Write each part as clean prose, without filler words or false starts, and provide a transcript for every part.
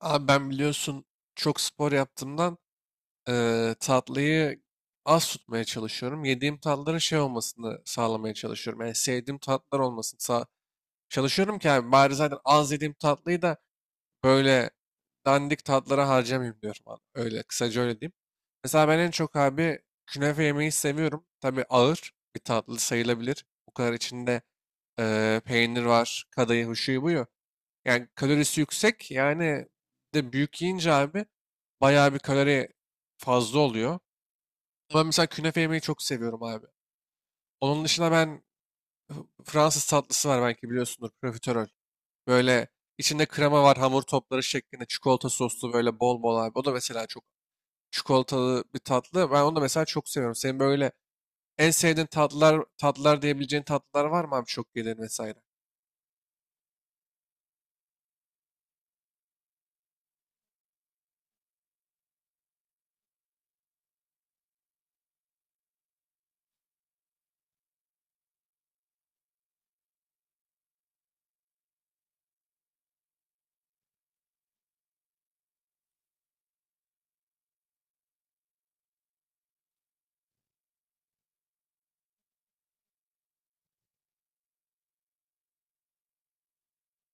Abi ben biliyorsun çok spor yaptığımdan tatlıyı az tutmaya çalışıyorum. Yediğim tatlıların şey olmasını sağlamaya çalışıyorum. Yani sevdiğim tatlar olmasını sağ çalışıyorum ki abi bari zaten az yediğim tatlıyı da böyle dandik tatlara harcamayayım diyorum abi. Öyle kısaca öyle diyeyim. Mesela ben en çok abi künefe yemeyi seviyorum. Tabii ağır bir tatlı sayılabilir. Bu kadar içinde peynir var, kadayıf, şuyu buyu. Yani kalorisi yüksek. Yani bir de büyük yiyince abi bayağı bir kalori fazla oluyor. Ama ben mesela künefe yemeyi çok seviyorum abi. Onun dışında ben Fransız tatlısı var belki biliyorsundur profiterol. Böyle içinde krema var hamur topları şeklinde çikolata soslu böyle bol bol abi. O da mesela çok çikolatalı bir tatlı. Ben onu da mesela çok seviyorum. Senin böyle en sevdiğin tatlılar diyebileceğin tatlılar var mı abi çok yediğin vesaire?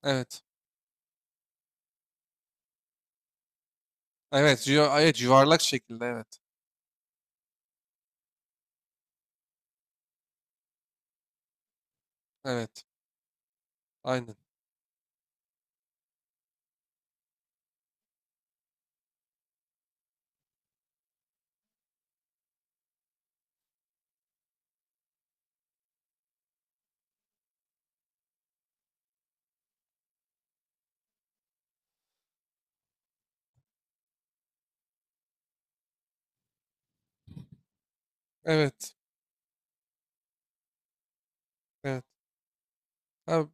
Evet. Evet, yu- evet yuvarlak şekilde evet. Evet. Aynen. Evet. Evet. Abi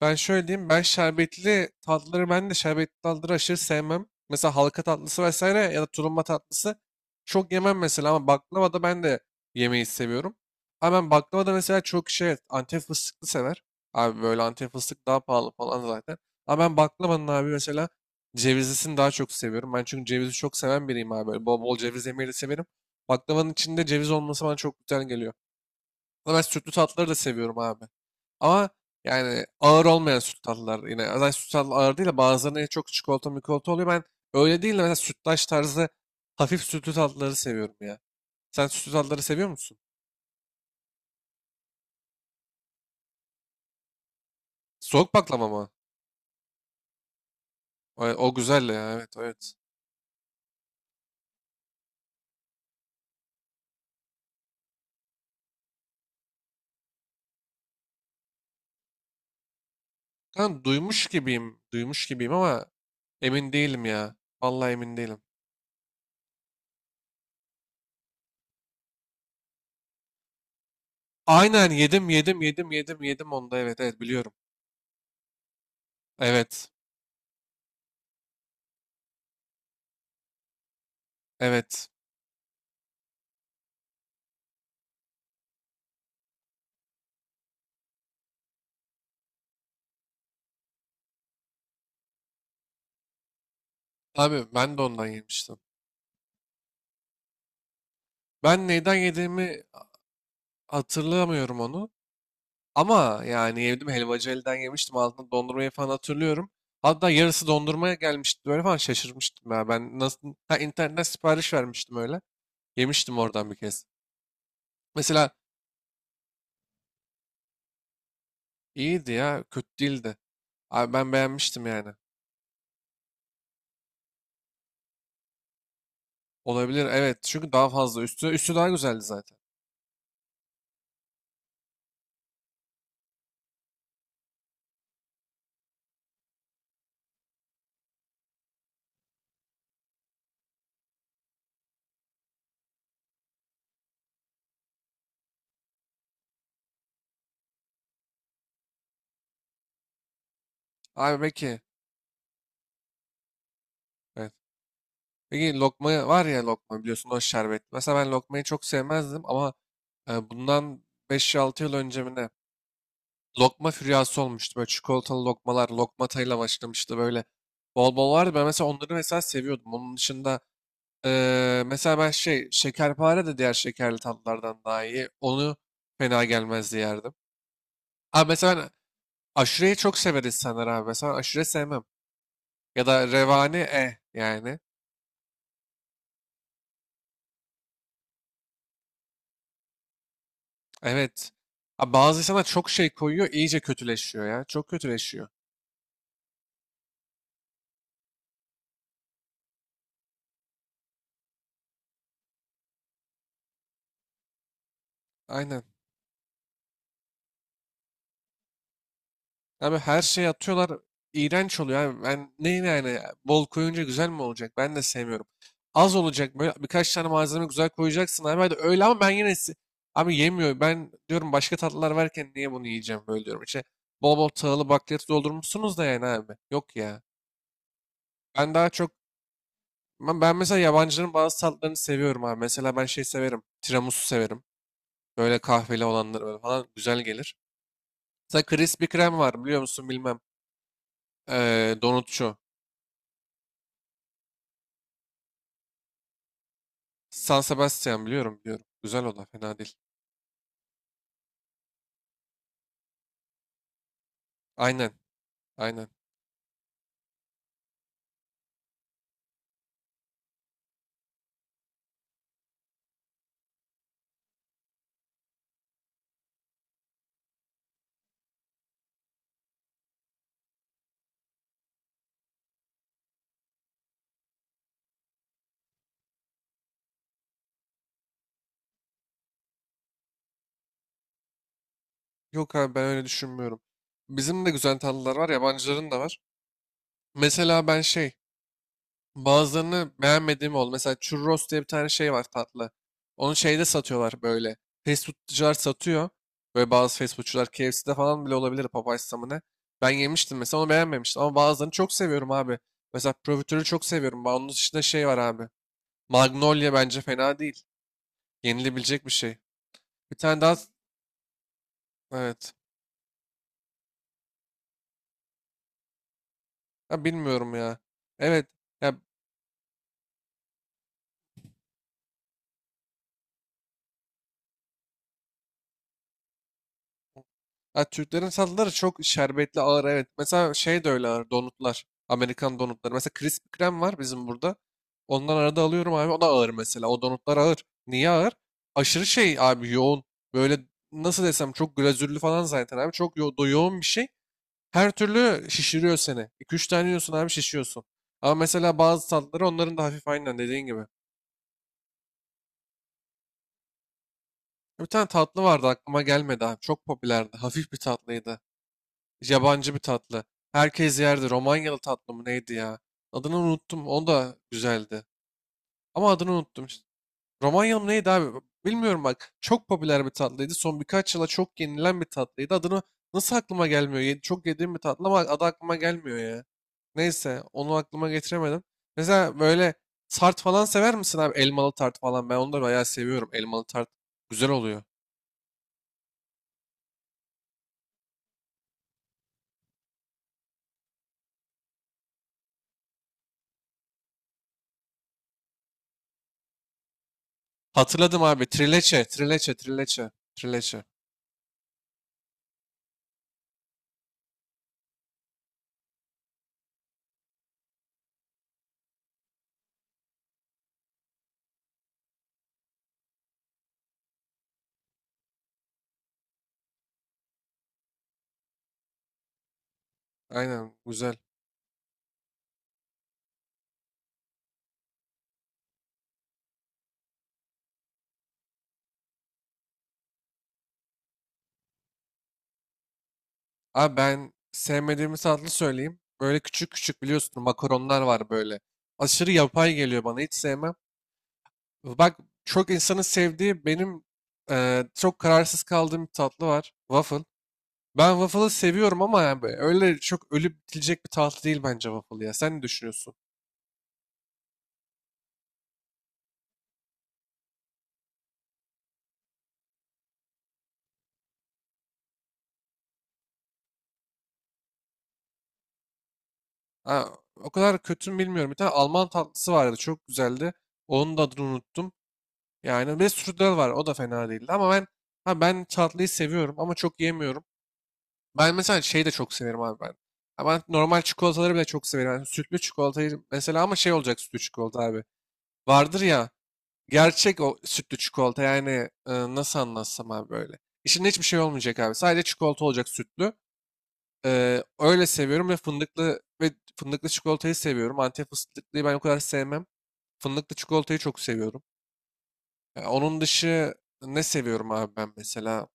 ben şöyle diyeyim. Ben şerbetli tatlıları aşırı sevmem. Mesela halka tatlısı vesaire ya da tulumba tatlısı çok yemem mesela ama baklava da ben de yemeyi seviyorum. Ama ben baklava da mesela çok şey evet, Antep fıstıklı sever. Abi böyle Antep fıstık daha pahalı falan zaten. Ama ben baklavanın abi mesela cevizlisini daha çok seviyorum. Ben çünkü cevizi çok seven biriyim abi. Böyle bol bol ceviz yemeyi de severim. Baklavanın içinde ceviz olması bana çok güzel geliyor. Ama ben sütlü tatlıları da seviyorum abi. Ama yani ağır olmayan süt tatlılar. Yine zaten süt tatlı ağır değil de bazılarında çok çikolata mikolata oluyor. Ben öyle değil de mesela sütlaç tarzı hafif sütlü tatlıları seviyorum ya. Sen sütlü tatlıları seviyor musun? Soğuk baklava mı? O, o güzel ya, evet, evet. Kan duymuş gibiyim. Duymuş gibiyim ama emin değilim ya. Vallahi emin değilim. Aynen, yedim onda, evet, evet, biliyorum. Evet, evet. Abi ben de ondan yemiştim. Ben neyden yediğimi hatırlamıyorum onu. Ama yani yedim helvacı elden yemiştim altında dondurmayı falan hatırlıyorum. Hatta yarısı dondurmaya gelmişti böyle falan şaşırmıştım ya. Ben nasıl ha, internetten sipariş vermiştim öyle. Yemiştim oradan bir kez. Mesela iyiydi ya, kötü değildi. Abi ben beğenmiştim yani. Olabilir, evet, çünkü daha fazla üstü daha güzeldi zaten. Abi peki, evet. Peki lokma var ya, lokma biliyorsun o şerbet. Mesela ben lokmayı çok sevmezdim ama bundan 5 altı yıl önce mi ne? Lokma füryası olmuştu. Böyle çikolatalı lokmalar, lokmatayla başlamıştı böyle. Bol bol vardı. Ben mesela onları mesela seviyordum. Onun dışında mesela ben şey şekerpare de diğer şekerli tatlılardan daha iyi. Onu fena gelmezdi yerdim. Ha mesela ben aşureyi çok sever insanlar abi. Mesela aşure sevmem. Ya da revani eh yani. Evet. Ha, bazı insanlar çok şey koyuyor iyice kötüleşiyor ya. Çok kötüleşiyor. Aynen. Abi her şeyi atıyorlar. İğrenç oluyor abi. Ben ne yani bol koyunca güzel mi olacak? Ben de sevmiyorum. Az olacak, böyle birkaç tane malzeme güzel koyacaksın abi. Hadi öyle ama ben yine se- abi yemiyor. Ben diyorum başka tatlılar varken niye bunu yiyeceğim böyle diyorum. İşte bol bol tahıllı bakliyatı doldurmuşsunuz da yani abi. Yok ya. Ben daha çok ben mesela yabancıların bazı tatlarını seviyorum abi. Mesela ben şey severim. Tiramisu severim. Böyle kahveli olanları böyle falan güzel gelir. Mesela Krispy Kreme var biliyor musun bilmem. Donutçu. San Sebastian biliyorum, biliyorum. Güzel, o da fena değil. Aynen, aynen. Yok abi ben öyle düşünmüyorum. Bizim de güzel tatlılar var, yabancıların da var. Mesela ben şey bazılarını beğenmediğim oldu. Mesela churros diye bir tane şey var tatlı. Onu şeyde satıyorlar böyle. Fast foodcular satıyor. Böyle bazı fast foodcular KFC'de falan bile olabilir, Popeyes'ta mı ne. Ben yemiştim mesela onu beğenmemiştim. Ama bazılarını çok seviyorum abi. Mesela profiterolü çok seviyorum. Onun dışında şey var abi. Magnolia bence fena değil. Yenilebilecek bir şey. Bir tane daha evet. Ha, bilmiyorum ya. Evet. Ya, ha, Türklerin tatlıları çok şerbetli ağır, evet. Mesela şey de öyle ağır donutlar. Amerikan donutları. Mesela Krispy Kreme var bizim burada. Ondan arada alıyorum abi. O da ağır mesela. O donutlar ağır. Niye ağır? Aşırı şey abi, yoğun. Böyle nasıl desem çok glazürlü falan zaten abi. Çok yo do- yoğun bir şey. Her türlü şişiriyor seni. 2 üç tane yiyorsun abi şişiyorsun. Ama mesela bazı tatlıları onların da hafif aynen dediğin gibi. Bir tane tatlı vardı aklıma gelmedi abi. Çok popülerdi. Hafif bir tatlıydı. Yabancı bir tatlı. Herkes yerdi. Romanyalı tatlı mı neydi ya? Adını unuttum. O da güzeldi. Ama adını unuttum. Romanyalı mı neydi abi? Bilmiyorum bak. Çok popüler bir tatlıydı. Son birkaç yıla çok yenilen bir tatlıydı. Adını nasıl aklıma gelmiyor? Ye- çok yediğim bir tatlı ama adı aklıma gelmiyor ya. Neyse onu aklıma getiremedim. Mesela böyle tart falan sever misin abi? Elmalı tart falan. Ben onu da bayağı seviyorum. Elmalı tart güzel oluyor. Hatırladım abi. Trileçe, trileçe. Aynen güzel. Abi ben sevmediğimiz tatlı söyleyeyim. Böyle küçük küçük biliyorsun makaronlar var böyle. Aşırı yapay geliyor bana hiç sevmem. Bak çok insanın sevdiği benim çok kararsız kaldığım bir tatlı var. Waffle. Ben waffle'ı seviyorum ama yani böyle öyle çok ölüp bitilecek bir tatlı değil bence waffle ya. Sen ne düşünüyorsun? Ha, o kadar kötü mü bilmiyorum. Bir tane Alman tatlısı vardı çok güzeldi. Onun da adını unuttum. Yani bir de strudel var o da fena değildi ama ben ha, ben tatlıyı seviyorum ama çok yemiyorum. Ben mesela şeyi de çok severim abi ben. Ama normal çikolataları bile çok severim. Yani sütlü çikolatayı mesela ama şey olacak sütlü çikolata abi. Vardır ya gerçek o sütlü çikolata yani nasıl anlatsam abi böyle. İçinde hiçbir şey olmayacak abi. Sadece çikolata olacak sütlü. Öyle seviyorum ve fındıklı çikolatayı seviyorum. Antep fıstıklıyı ben o kadar sevmem. Fındıklı çikolatayı çok seviyorum. Ya onun dışı ne seviyorum abi ben mesela?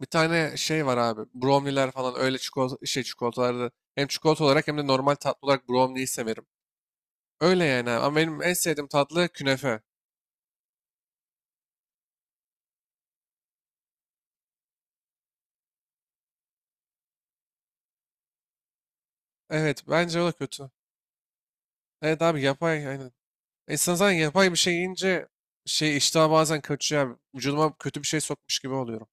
Bir tane şey var abi. Brownie'ler falan öyle çikolata, şey çikolatalarda hem çikolata olarak hem de normal tatlı olarak brownie'yi severim. Öyle yani abi. Ama benim en sevdiğim tatlı künefe. Evet bence o da kötü. Evet abi yapay aynen. İnsan zaten yapay bir şey yiyince şey iştah bazen kaçıyor abi. Vücuduma kötü bir şey sokmuş gibi oluyorum.